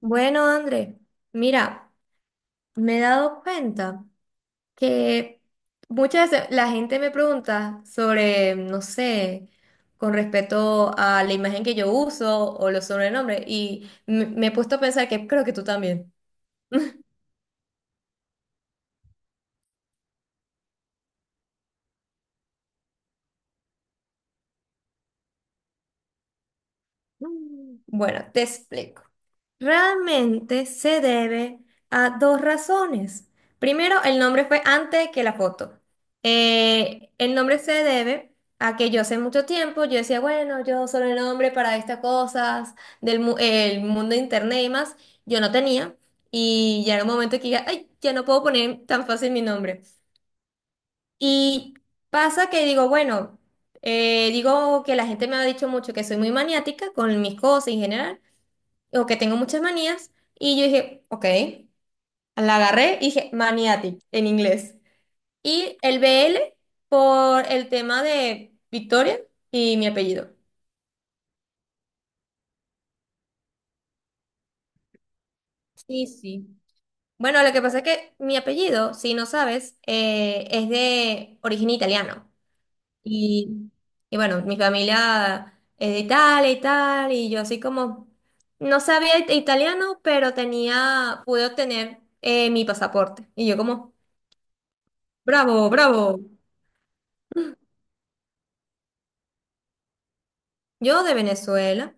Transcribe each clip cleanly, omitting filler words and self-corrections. Bueno, André, mira, me he dado cuenta que muchas veces la gente me pregunta sobre, no sé, con respecto a la imagen que yo uso o los sobrenombres, y me he puesto a pensar que creo que tú también. Bueno, te explico. Realmente se debe a dos razones. Primero, el nombre fue antes que la foto. El nombre se debe a que yo hace mucho tiempo yo decía, bueno, yo solo el nombre para estas cosas el mundo de internet y más, yo no tenía. Y ya era un momento que diga, ay, ya no puedo poner tan fácil mi nombre. Y pasa que digo, bueno, digo que la gente me ha dicho mucho que soy muy maniática con mis cosas en general o que tengo muchas manías. Y yo dije, ok, la agarré y dije maniatic en inglés. Y el BL por el tema de Victoria y mi apellido. Sí, sí. Bueno, lo que pasa es que mi apellido, si no sabes, es de origen italiano. Y, y bueno, mi familia es de Italia y tal, y yo así como no sabía it- italiano, pero tenía, pude obtener mi pasaporte. Y yo como, bravo, bravo. Yo de Venezuela.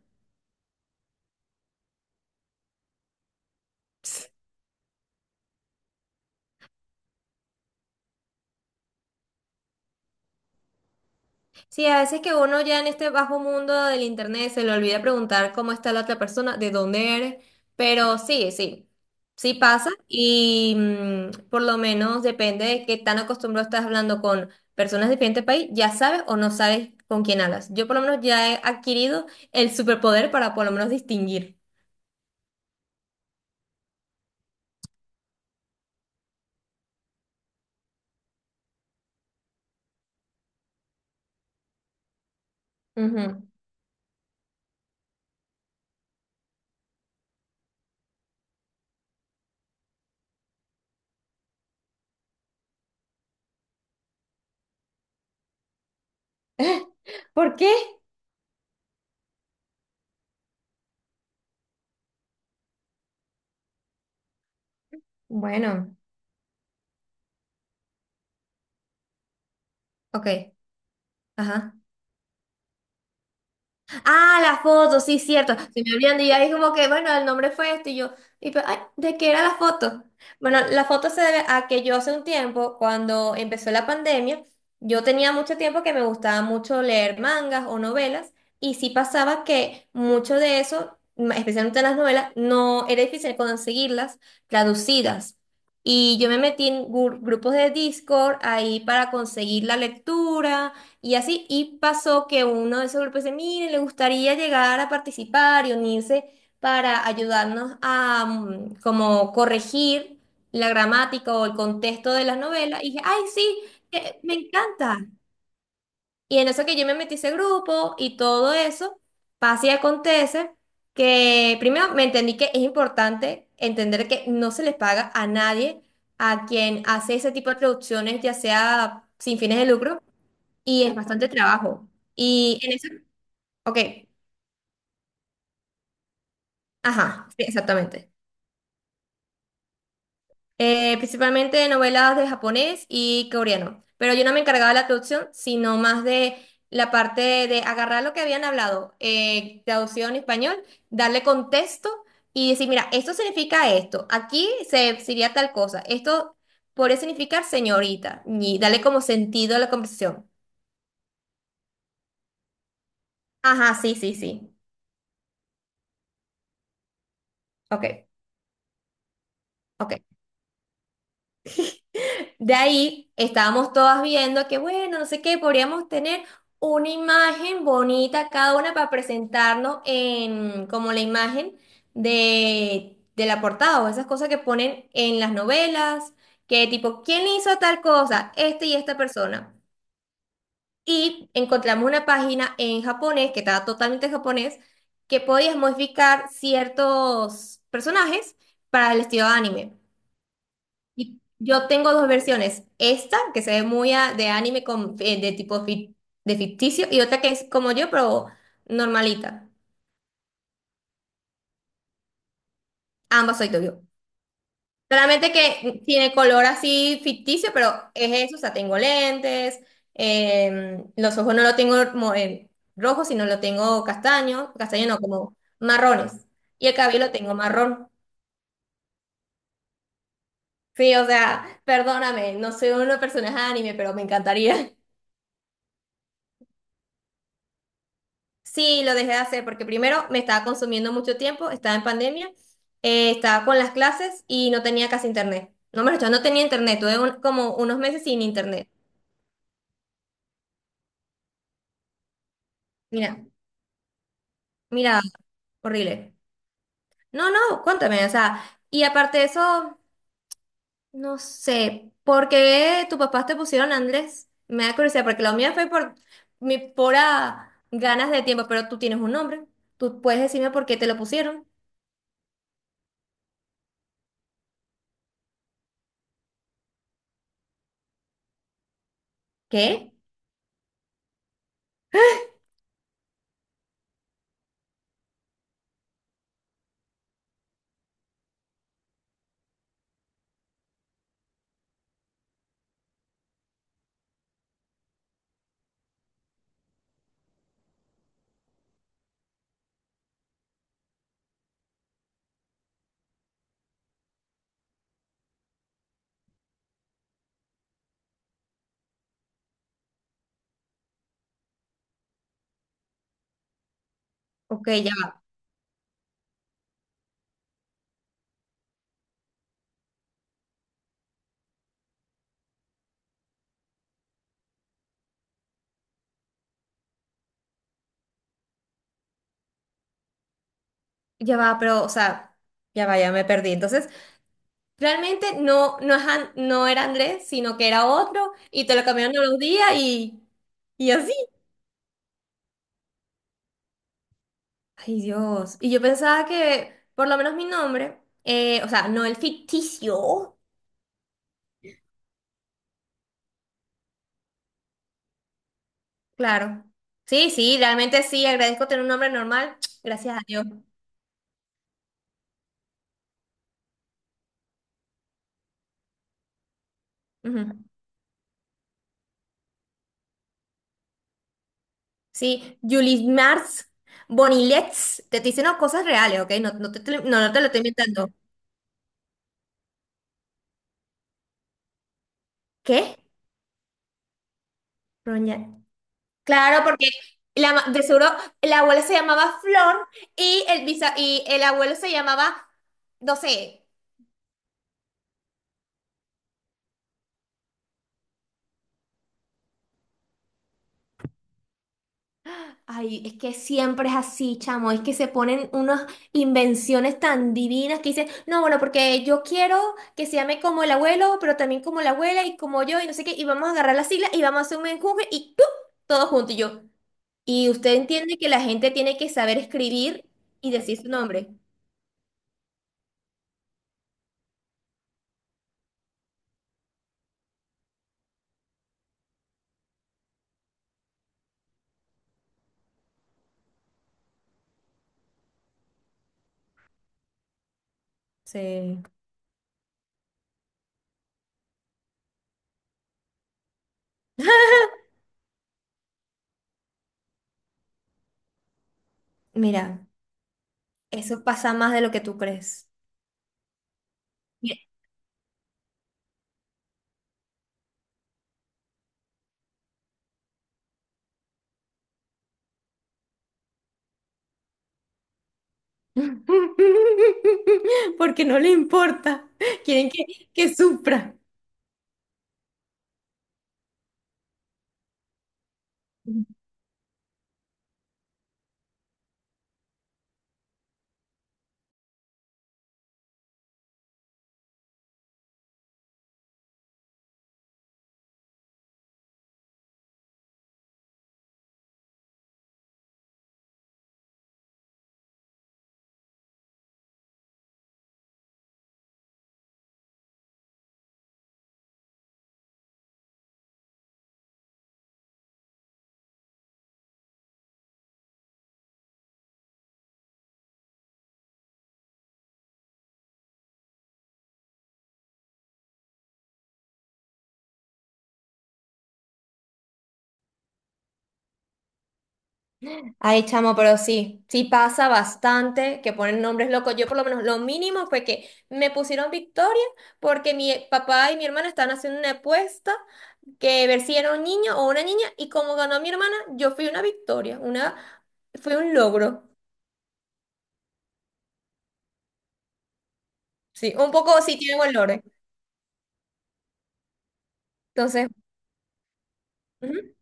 Sí, a veces que uno ya en este bajo mundo del internet se le olvida preguntar cómo está la otra persona, de dónde eres, pero sí, sí, sí pasa y por lo menos depende de qué tan acostumbrado estás hablando con personas de diferente país, ya sabes o no sabes con quién hablas. Yo por lo menos ya he adquirido el superpoder para por lo menos distinguir. Ujú. ¿Por qué? Bueno, ok, ajá. Ah, la foto, sí, cierto. Se me olvidan y yo ahí como que, bueno, el nombre fue este y yo, y pues, ay, ¿de qué era la foto? Bueno, la foto se debe a que yo hace un tiempo, cuando empezó la pandemia, yo tenía mucho tiempo que me gustaba mucho leer mangas o novelas y sí pasaba que mucho de eso, especialmente las novelas, no era difícil conseguirlas traducidas. Y yo me metí en grupos de Discord ahí para conseguir la lectura y así, y pasó que uno de esos grupos dice, miren, le gustaría llegar a participar y unirse para ayudarnos a como corregir la gramática o el contexto de las novelas. Y dije, ay, sí, me encanta. Y en eso que yo me metí a ese grupo y todo eso, pasa y acontece que primero me entendí que es importante entender que no se les paga a nadie a quien hace ese tipo de traducciones, ya sea sin fines de lucro y es bastante trabajo. Y en eso, ok, ajá, sí, exactamente. Principalmente novelas de japonés y coreano. Pero yo no me encargaba de la traducción, sino más de la parte de agarrar lo que habían hablado, traducido en español, darle contexto y decir, mira, esto significa esto, aquí se sería tal cosa, esto podría significar señorita, y darle como sentido a la conversación. Ajá, sí, sí, sí. Ok, ok. De ahí estábamos todas viendo que, bueno, no sé qué, podríamos tener una imagen bonita cada una para presentarnos en como la imagen de la portada o esas cosas que ponen en las novelas, que tipo, ¿quién hizo tal cosa? Este y esta persona. Y encontramos una página en japonés, que estaba totalmente en japonés, que podías modificar ciertos personajes para el estilo anime. Y yo tengo dos versiones. Esta, que se ve muy de anime con, de de ficticio, y otra que es como yo, pero normalita. Ambas soy yo. Solamente que tiene color así ficticio, pero es eso, o sea, tengo lentes, em, los ojos no los tengo rojos, sino lo tengo castaño, castaño no, como marrones. Y el cabello lo tengo marrón. Sí, o sea, perdóname, no soy una persona de anime, pero me encantaría. Sí, lo dejé de hacer porque primero me estaba consumiendo mucho tiempo, estaba en pandemia, estaba con las clases y no tenía casi internet. No me lo no tenía internet, tuve como unos meses sin internet. Mira, mira, horrible. No, no, cuéntame, o sea, y aparte de eso, no sé, ¿por qué tus papás te pusieron Andrés? Me da curiosidad, porque la mía fue por mi pura ganas de tiempo, pero tú tienes un nombre, tú puedes decirme por qué te lo pusieron. ¿Qué? Ok, ya va, pero, o sea, ya va, ya me perdí. Entonces, realmente no, no, es no era Andrés, sino que era otro, y te lo cambiaron a los días y así. Ay, Dios. Y yo pensaba que, por lo menos mi nombre, o sea, no el ficticio. Claro. Sí, sí, realmente sí, agradezco tener un nombre normal. Gracias a Dios. Ujú. Sí, Julie Mars, Bonilets, te estoy diciendo cosas reales, ¿ok? No, no, no te lo estoy inventando. ¿Qué? Claro, porque la, de seguro la abuela se llamaba Flor y y el abuelo se llamaba, no sé. Ay, es que siempre es así, chamo. Es que se ponen unas invenciones tan divinas que dicen, no, bueno, porque yo quiero que se llame como el abuelo, pero también como la abuela y como yo y no sé qué. Y vamos a agarrar las siglas y vamos a hacer un enjuje y ¡pum! Todo junto y yo. Y usted entiende que la gente tiene que saber escribir y decir su nombre. Sí. Mira. Eso pasa más de lo que tú crees. Mira, porque no le importa. Quieren que sufra. Ay, chamo, pero sí, sí pasa bastante que ponen nombres locos. Yo por lo menos lo mínimo fue que me pusieron Victoria porque mi papá y mi hermana estaban haciendo una apuesta que ver si era un niño o una niña y como ganó mi hermana, yo fui una victoria, una fue un logro. Sí, un poco sí tiene valores. Entonces, ujú,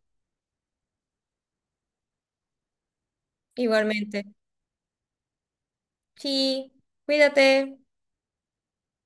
igualmente. Sí, cuídate.